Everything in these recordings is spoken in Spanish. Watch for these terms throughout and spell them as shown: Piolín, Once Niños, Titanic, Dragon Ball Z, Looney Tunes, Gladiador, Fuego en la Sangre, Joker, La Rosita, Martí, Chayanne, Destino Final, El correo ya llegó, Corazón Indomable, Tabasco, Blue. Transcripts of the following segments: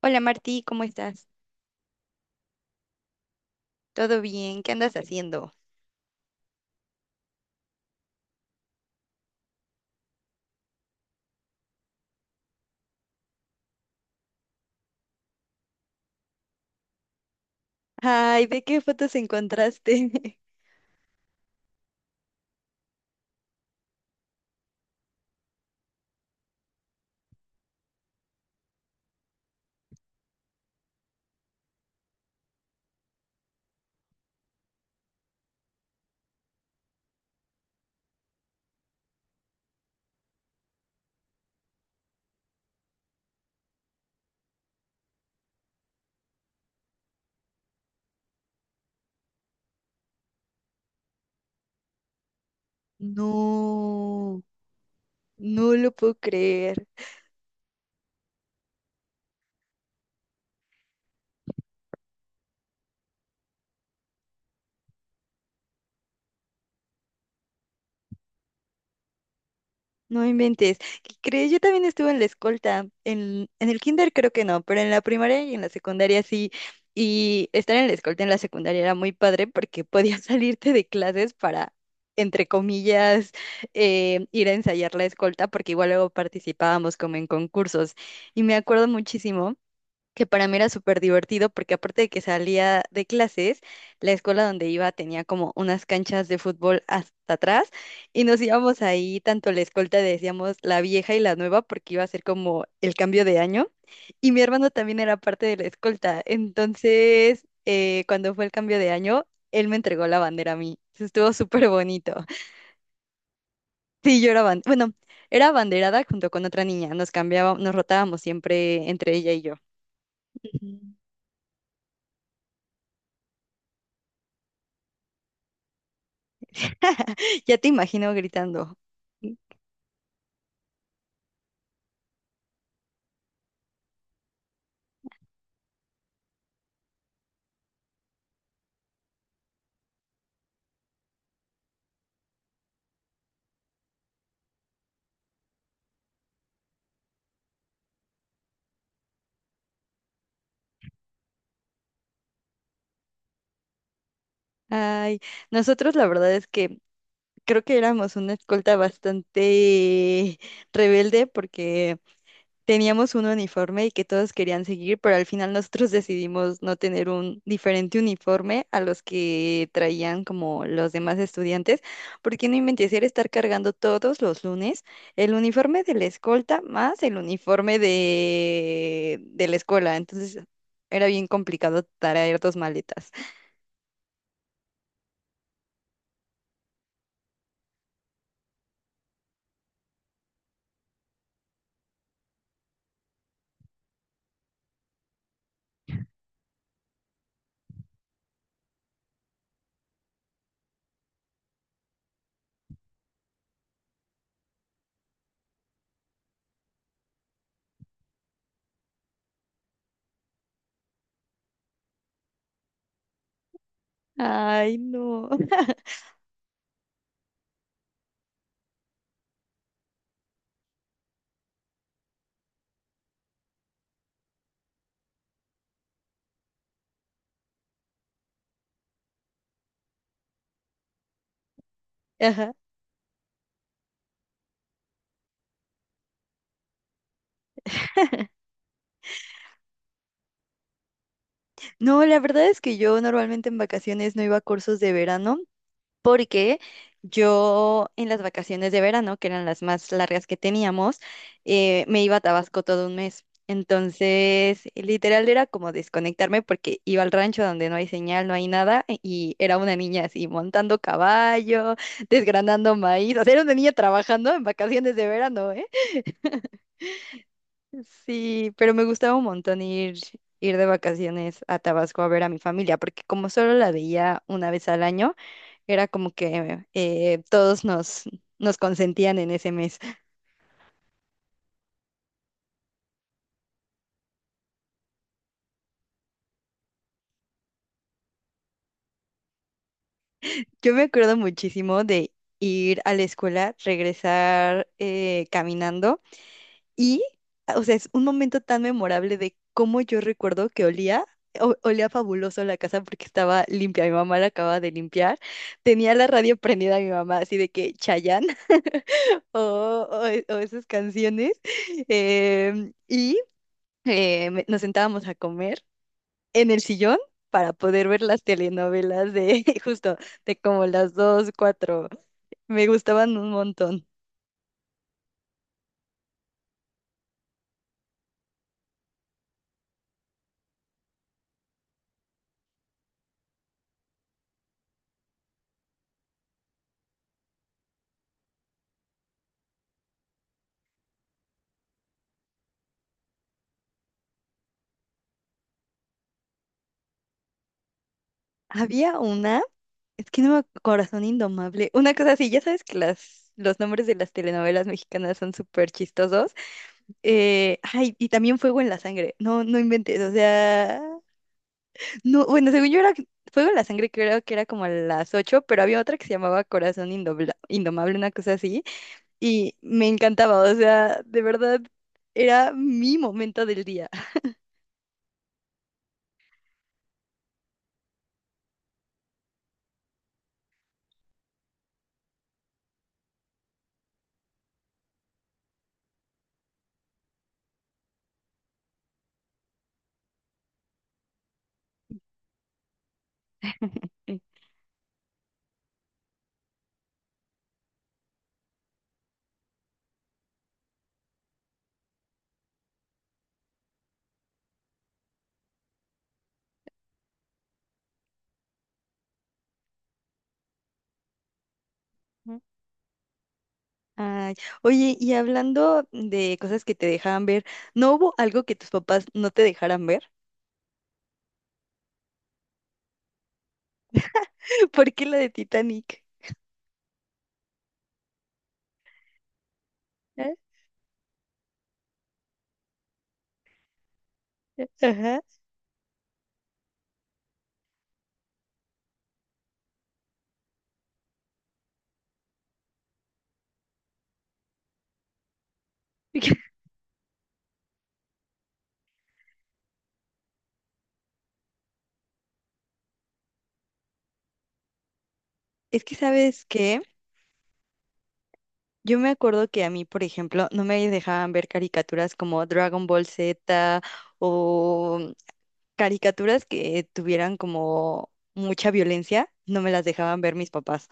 Hola Martí, ¿cómo estás? ¿Todo bien? ¿Qué andas haciendo? Ay, ¿de qué fotos encontraste? No, no lo puedo creer. No inventes. ¿Qué crees? Yo también estuve en la escolta. En el kinder creo que no, pero en la primaria y en la secundaria sí. Y estar en la escolta en la secundaria era muy padre porque podías salirte de clases para, entre comillas, ir a ensayar la escolta, porque igual luego participábamos como en concursos. Y me acuerdo muchísimo, que para mí era súper divertido porque aparte de que salía de clases, la escuela donde iba tenía como unas canchas de fútbol hasta atrás y nos íbamos ahí, tanto la escolta decíamos la vieja y la nueva porque iba a ser como el cambio de año y mi hermano también era parte de la escolta, entonces cuando fue el cambio de año, él me entregó la bandera a mí. Eso estuvo súper bonito. Sí, yo era bueno, era abanderada junto con otra niña, nos cambiábamos, nos rotábamos siempre entre ella y yo. Ya te imagino gritando. Ay, nosotros la verdad es que creo que éramos una escolta bastante rebelde porque teníamos un uniforme y que todos querían seguir, pero al final nosotros decidimos no tener un diferente uniforme a los que traían como los demás estudiantes, porque no inventes, era estar cargando todos los lunes el uniforme de la escolta más el uniforme de la escuela. Entonces era bien complicado traer dos maletas. Ay, no. Ajá. No, la verdad es que yo normalmente en vacaciones no iba a cursos de verano, porque yo en las vacaciones de verano, que eran las más largas que teníamos, me iba a Tabasco todo un mes. Entonces, literal era como desconectarme porque iba al rancho donde no hay señal, no hay nada, e- y era una niña así montando caballo, desgranando maíz, o sea, era una niña trabajando en vacaciones de verano, ¿eh? Sí, pero me gustaba un montón ir de vacaciones a Tabasco a ver a mi familia, porque como solo la veía una vez al año, era como que nos consentían en ese mes. Yo me acuerdo muchísimo de ir a la escuela, regresar caminando y, o sea, es un momento tan memorable de cómo yo recuerdo que olía, olía fabuloso la casa porque estaba limpia, mi mamá la acababa de limpiar, tenía la radio prendida mi mamá, así de que Chayanne o esas canciones. em, y Nos sentábamos a comer en el sillón para poder ver las telenovelas de justo de como las dos, cuatro. Me gustaban un montón. Había una, es que no me ac- Corazón Indomable, una cosa así, ya sabes que las, los nombres de las telenovelas mexicanas son súper chistosos. Ay, y también Fuego en la Sangre. No, no inventes, o sea, no, bueno, según yo era Fuego en la Sangre, creo que era como a las 8, pero había otra que se llamaba Corazón Indomable, una cosa así y me encantaba, o sea, de verdad era mi momento del día. Ujú. Ay, oye, y hablando de cosas que te dejaban ver, ¿no hubo algo que tus papás no te dejaran ver? ¿Por qué la de Titanic? ¿Eh? Ajá. Es que, ¿sabes qué? Yo me acuerdo que a mí, por ejemplo, no me dejaban ver caricaturas como Dragon Ball Z o caricaturas que tuvieran como mucha violencia, no me las dejaban ver mis papás.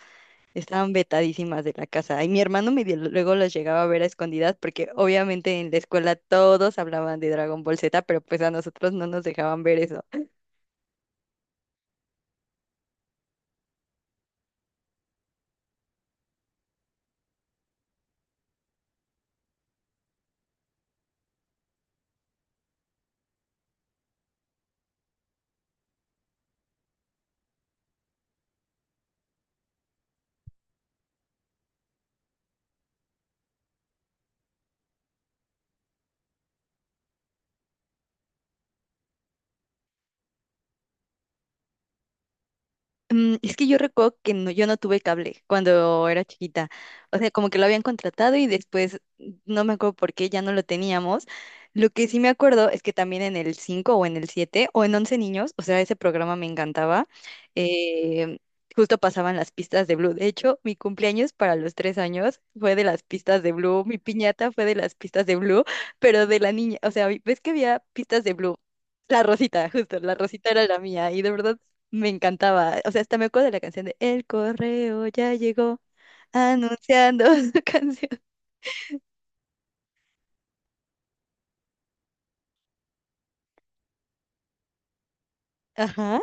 Estaban vetadísimas de la casa. Y mi hermano medio luego los llegaba a ver a escondidas porque obviamente en la escuela todos hablaban de Dragon Ball Z, pero pues a nosotros no nos dejaban ver eso. Mm, es que yo recuerdo que no, yo no tuve cable cuando era chiquita. O sea, como que lo habían contratado y después no me acuerdo por qué ya no lo teníamos. Lo que sí me acuerdo es que también en el 5 o en el 7 o en once niños, o sea, ese programa me encantaba. eh, Justo pasaban las pistas de Blue. De hecho, mi cumpleaños para los 3 años fue de las pistas de Blue. Mi piñata fue de las pistas de Blue, pero de la niña. O sea, ves que había pistas de Blue. La Rosita, justo, la Rosita era la mía y de verdad me encantaba. O sea, hasta me acuerdo de la canción de El correo ya llegó anunciando su canción. Ajá,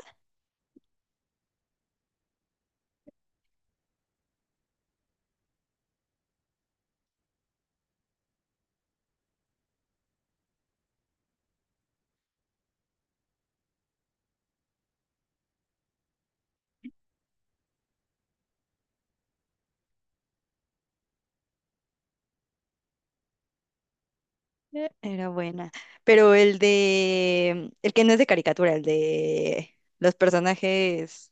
era buena. Pero el de, el que no es de caricatura, el de los personajes,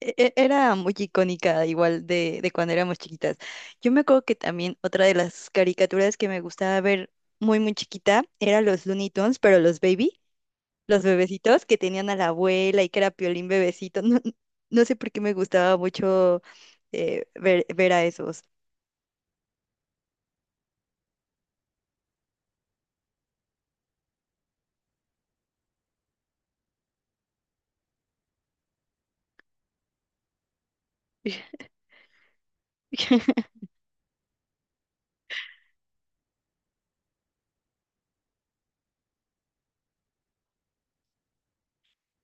era muy icónica, igual de cuando éramos chiquitas. Yo me acuerdo que también otra de las caricaturas que me gustaba ver muy, muy chiquita era los Looney Tunes, pero los Baby. Los bebecitos que tenían a la abuela y que era Piolín bebecito. No, no sé por qué me gustaba mucho ver a esos.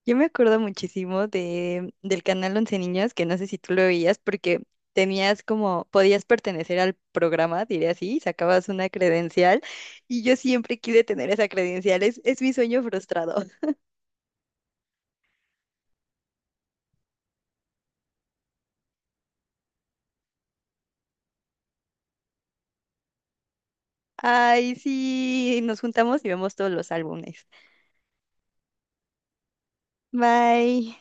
Yo me acuerdo muchísimo del canal Once Niños, que no sé si tú lo veías, porque tenías como, podías pertenecer al programa, diré así, sacabas una credencial, y yo siempre quise tener esa credencial, es mi sueño frustrado. Ay, sí, nos juntamos y vemos todos los álbumes. Bye.